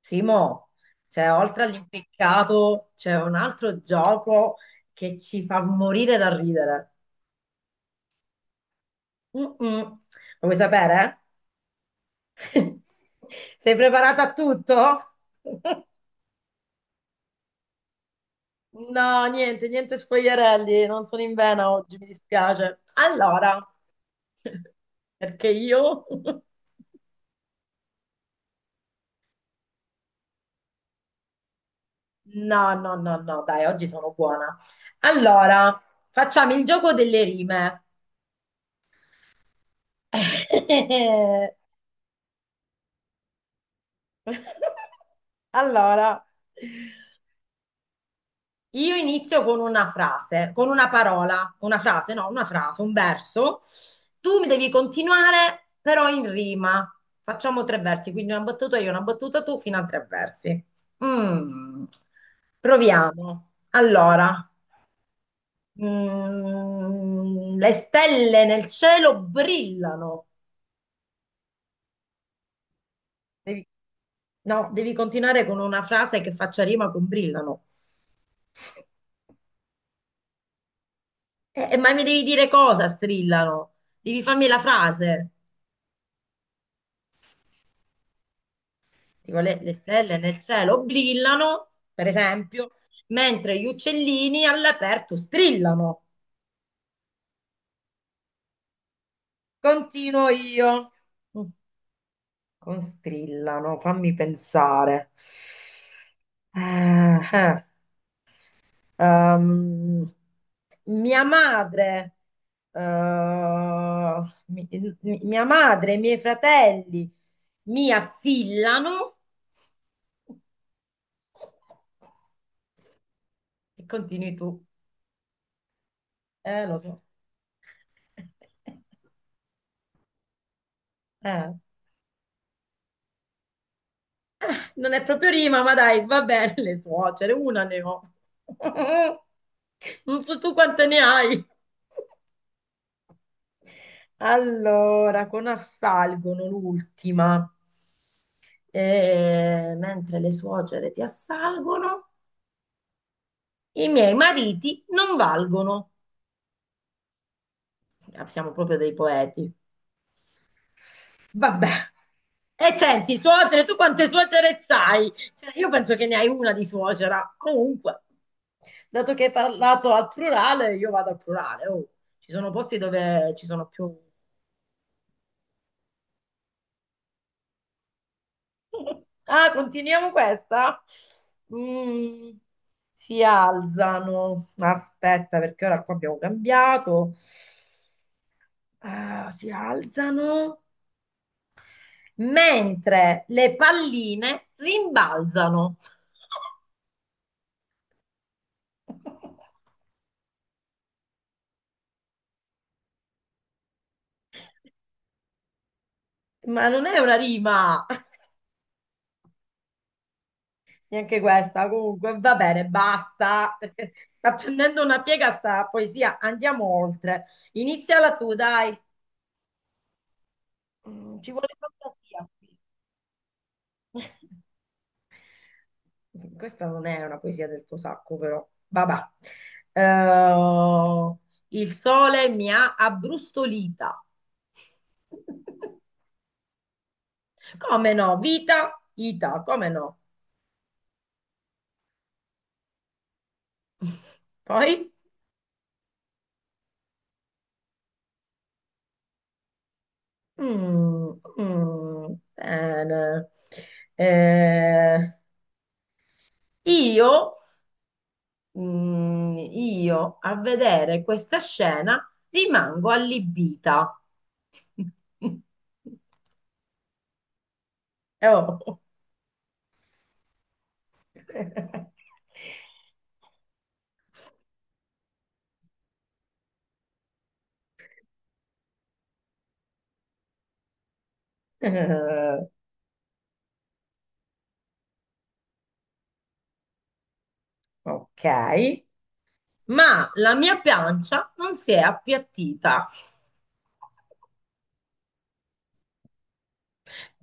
Simo, cioè, oltre all'impiccato c'è un altro gioco che ci fa morire da ridere. Mm-mm. Lo vuoi sapere? Sei preparata a tutto? No, niente, niente spogliarelli, non sono in vena oggi, mi dispiace. Allora, perché io? No, no, no, no, dai, oggi sono buona. Allora, facciamo il gioco delle rime. Allora, io inizio con una frase, con una parola, una frase, no, una frase, un verso. Tu mi devi continuare, però in rima. Facciamo tre versi, quindi una battuta io, una battuta tu, fino a tre versi. Mm. Proviamo. Allora, le stelle nel cielo brillano. Devi- no, devi continuare con una frase che faccia rima con brillano. Ma mi devi dire cosa strillano? Devi farmi la frase. Tipo le stelle nel cielo brillano, per esempio, mentre gli uccellini all'aperto strillano. Continuo io. Mm, Con strillano, fammi pensare. Eh, eh, ehm, mia madre, eh, mi- mia madre e i miei fratelli mi assillano. E continui tu. Lo so. Eh. Non è proprio rima, ma dai, va bene, le suocere, una ne ho. Non so tu quante ne hai. Allora, con assalgono l'ultima. Mentre le suocere ti assalgono, i miei mariti non valgono. Ah, siamo proprio dei poeti. Vabbè. E senti, suocere, tu quante suocere c'hai? Cioè, io penso che ne hai una di suocera. Comunque, dato che hai parlato al plurale, io vado al plurale. Oh. Ci sono posti dove ci sono più. Ah, continuiamo questa? Mm, si alzano. Aspetta, perché ora qua abbiamo cambiato. Ah, si alzano mentre le palline rimbalzano. Ma non è una rima, neanche questa. Comunque, va bene, basta. Perché sta prendendo una piega sta poesia. Andiamo oltre. Iniziala tu, dai. Ci vuole fantasia. Qui. Questa non è una poesia del tuo sacco, però. Vabbè. Eh, il sole mi ha abbrustolita. Come no? Vita, ita, come no? Poi? Mm, mm, bene. Eh, io, io a vedere questa scena rimango allibita. Oh. Eh, ok, ma la mia pancia non si è appiattita.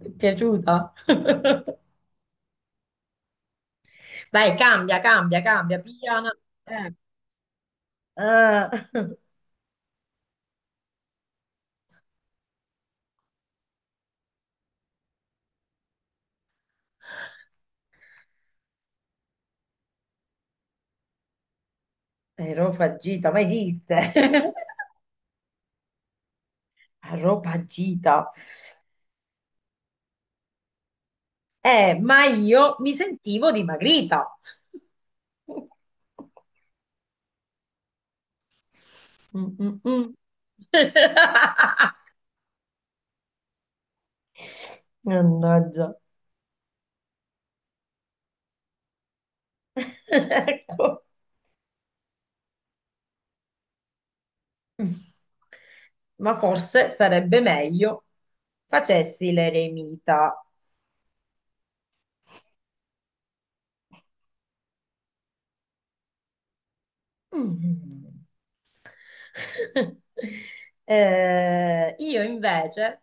Ti è piaciuta? Vai, cambia, cambia, cambia, piano. Eh. eh. Aerofagita, ma esiste? Aerofagita. Ma io mi sentivo dimagrita. Mm, mm, mm. Mannaggia. Ecco. Ma forse sarebbe meglio facessi l'eremita. Mm. Eh, io invece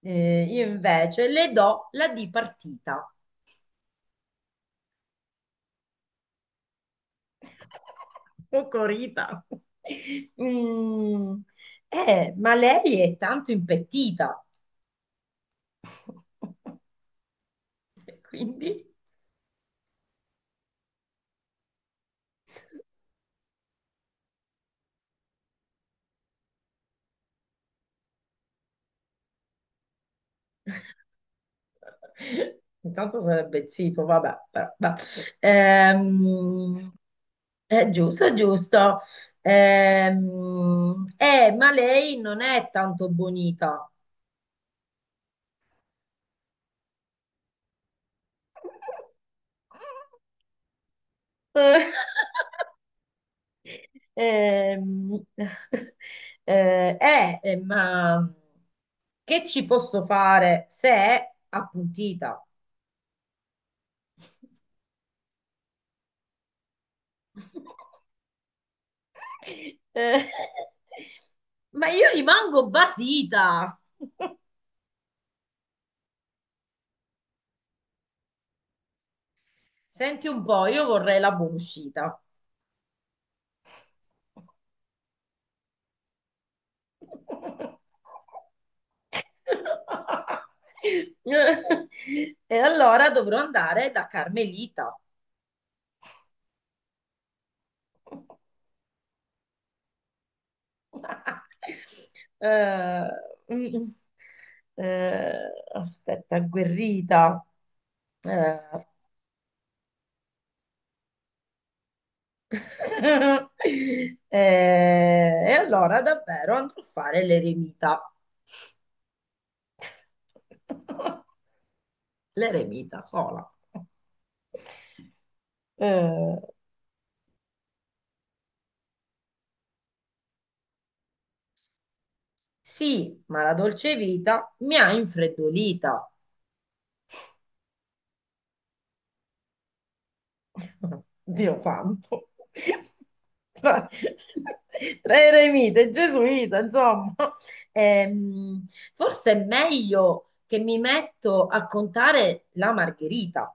io invece le do la D partita. Cocorita. Mm. Ma lei è tanto impettita. Quindi, intanto sarebbe zitto, vabbè. Però, vabbè. Ehm, è giusto, è giusto. Ma lei non è tanto bonita. Ehm, ma che ci posso fare se è appuntita? Eh, ma io rimango basita. Senti un po', io vorrei la buona uscita. E allora dovrò andare da Carmelita. Eh, mm, mm. eh, aspetta, agguerrita. Eh, e allora davvero andrò a fare l'eremita. L'eremita sola. Eh, sì, ma la dolce vita mi ha infreddolita. Dio santo. Tra, tra eremita e gesuita, insomma. Ehm, forse è meglio che mi metto a contare la margherita.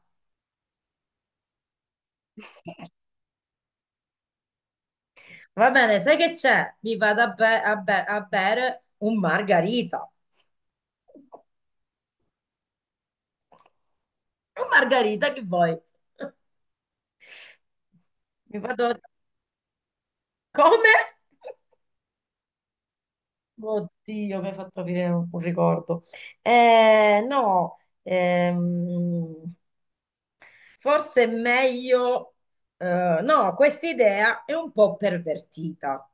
Va bene, sai che c'è? Mi vado a bere un margarita. Un margarita che vuoi? Mi vado. Come? Oddio, mi hai fatto venire un ricordo. No, ehm, forse è meglio, no, questa idea è un po' pervertita.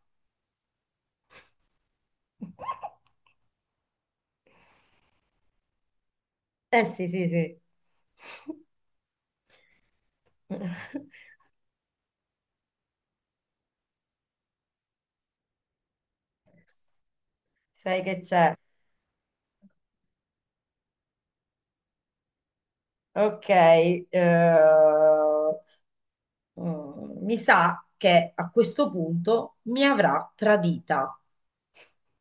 Eh sì, sì, sì. Sai che c'è? Ok, mi sa che a questo punto mi avrà tradita.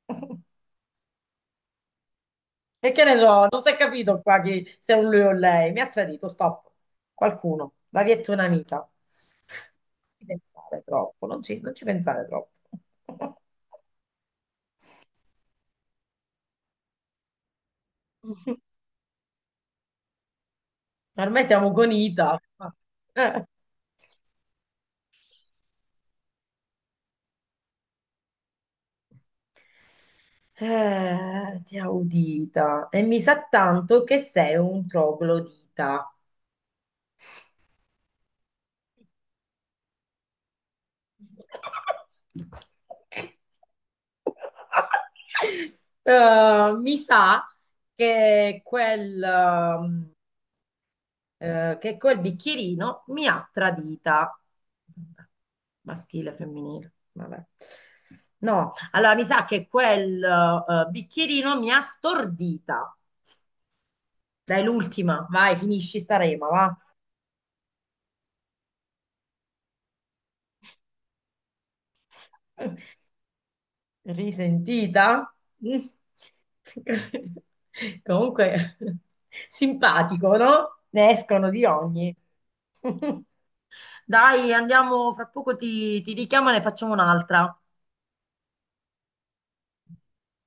E che ne so, non si è capito qua chi, se è un lui o lei. Mi ha tradito, stop. Qualcuno, la via è tua un'amica. Non ci pensare troppo, non ci pensare troppo. Ormai siamo con Ita. Eh, ti ha udita. E mi sa tanto che sei un troglodita. Mi sa che che quel bicchierino mi ha tradita. Vabbè, maschile, femminile, vabbè. No, allora mi sa che quel bicchierino mi ha stordita. Dai, l'ultima, vai, finisci sta rema, va. Risentita? Mm. Comunque, simpatico, no? Ne escono di ogni. Dai, andiamo, fra poco ti richiamo e ne facciamo un'altra.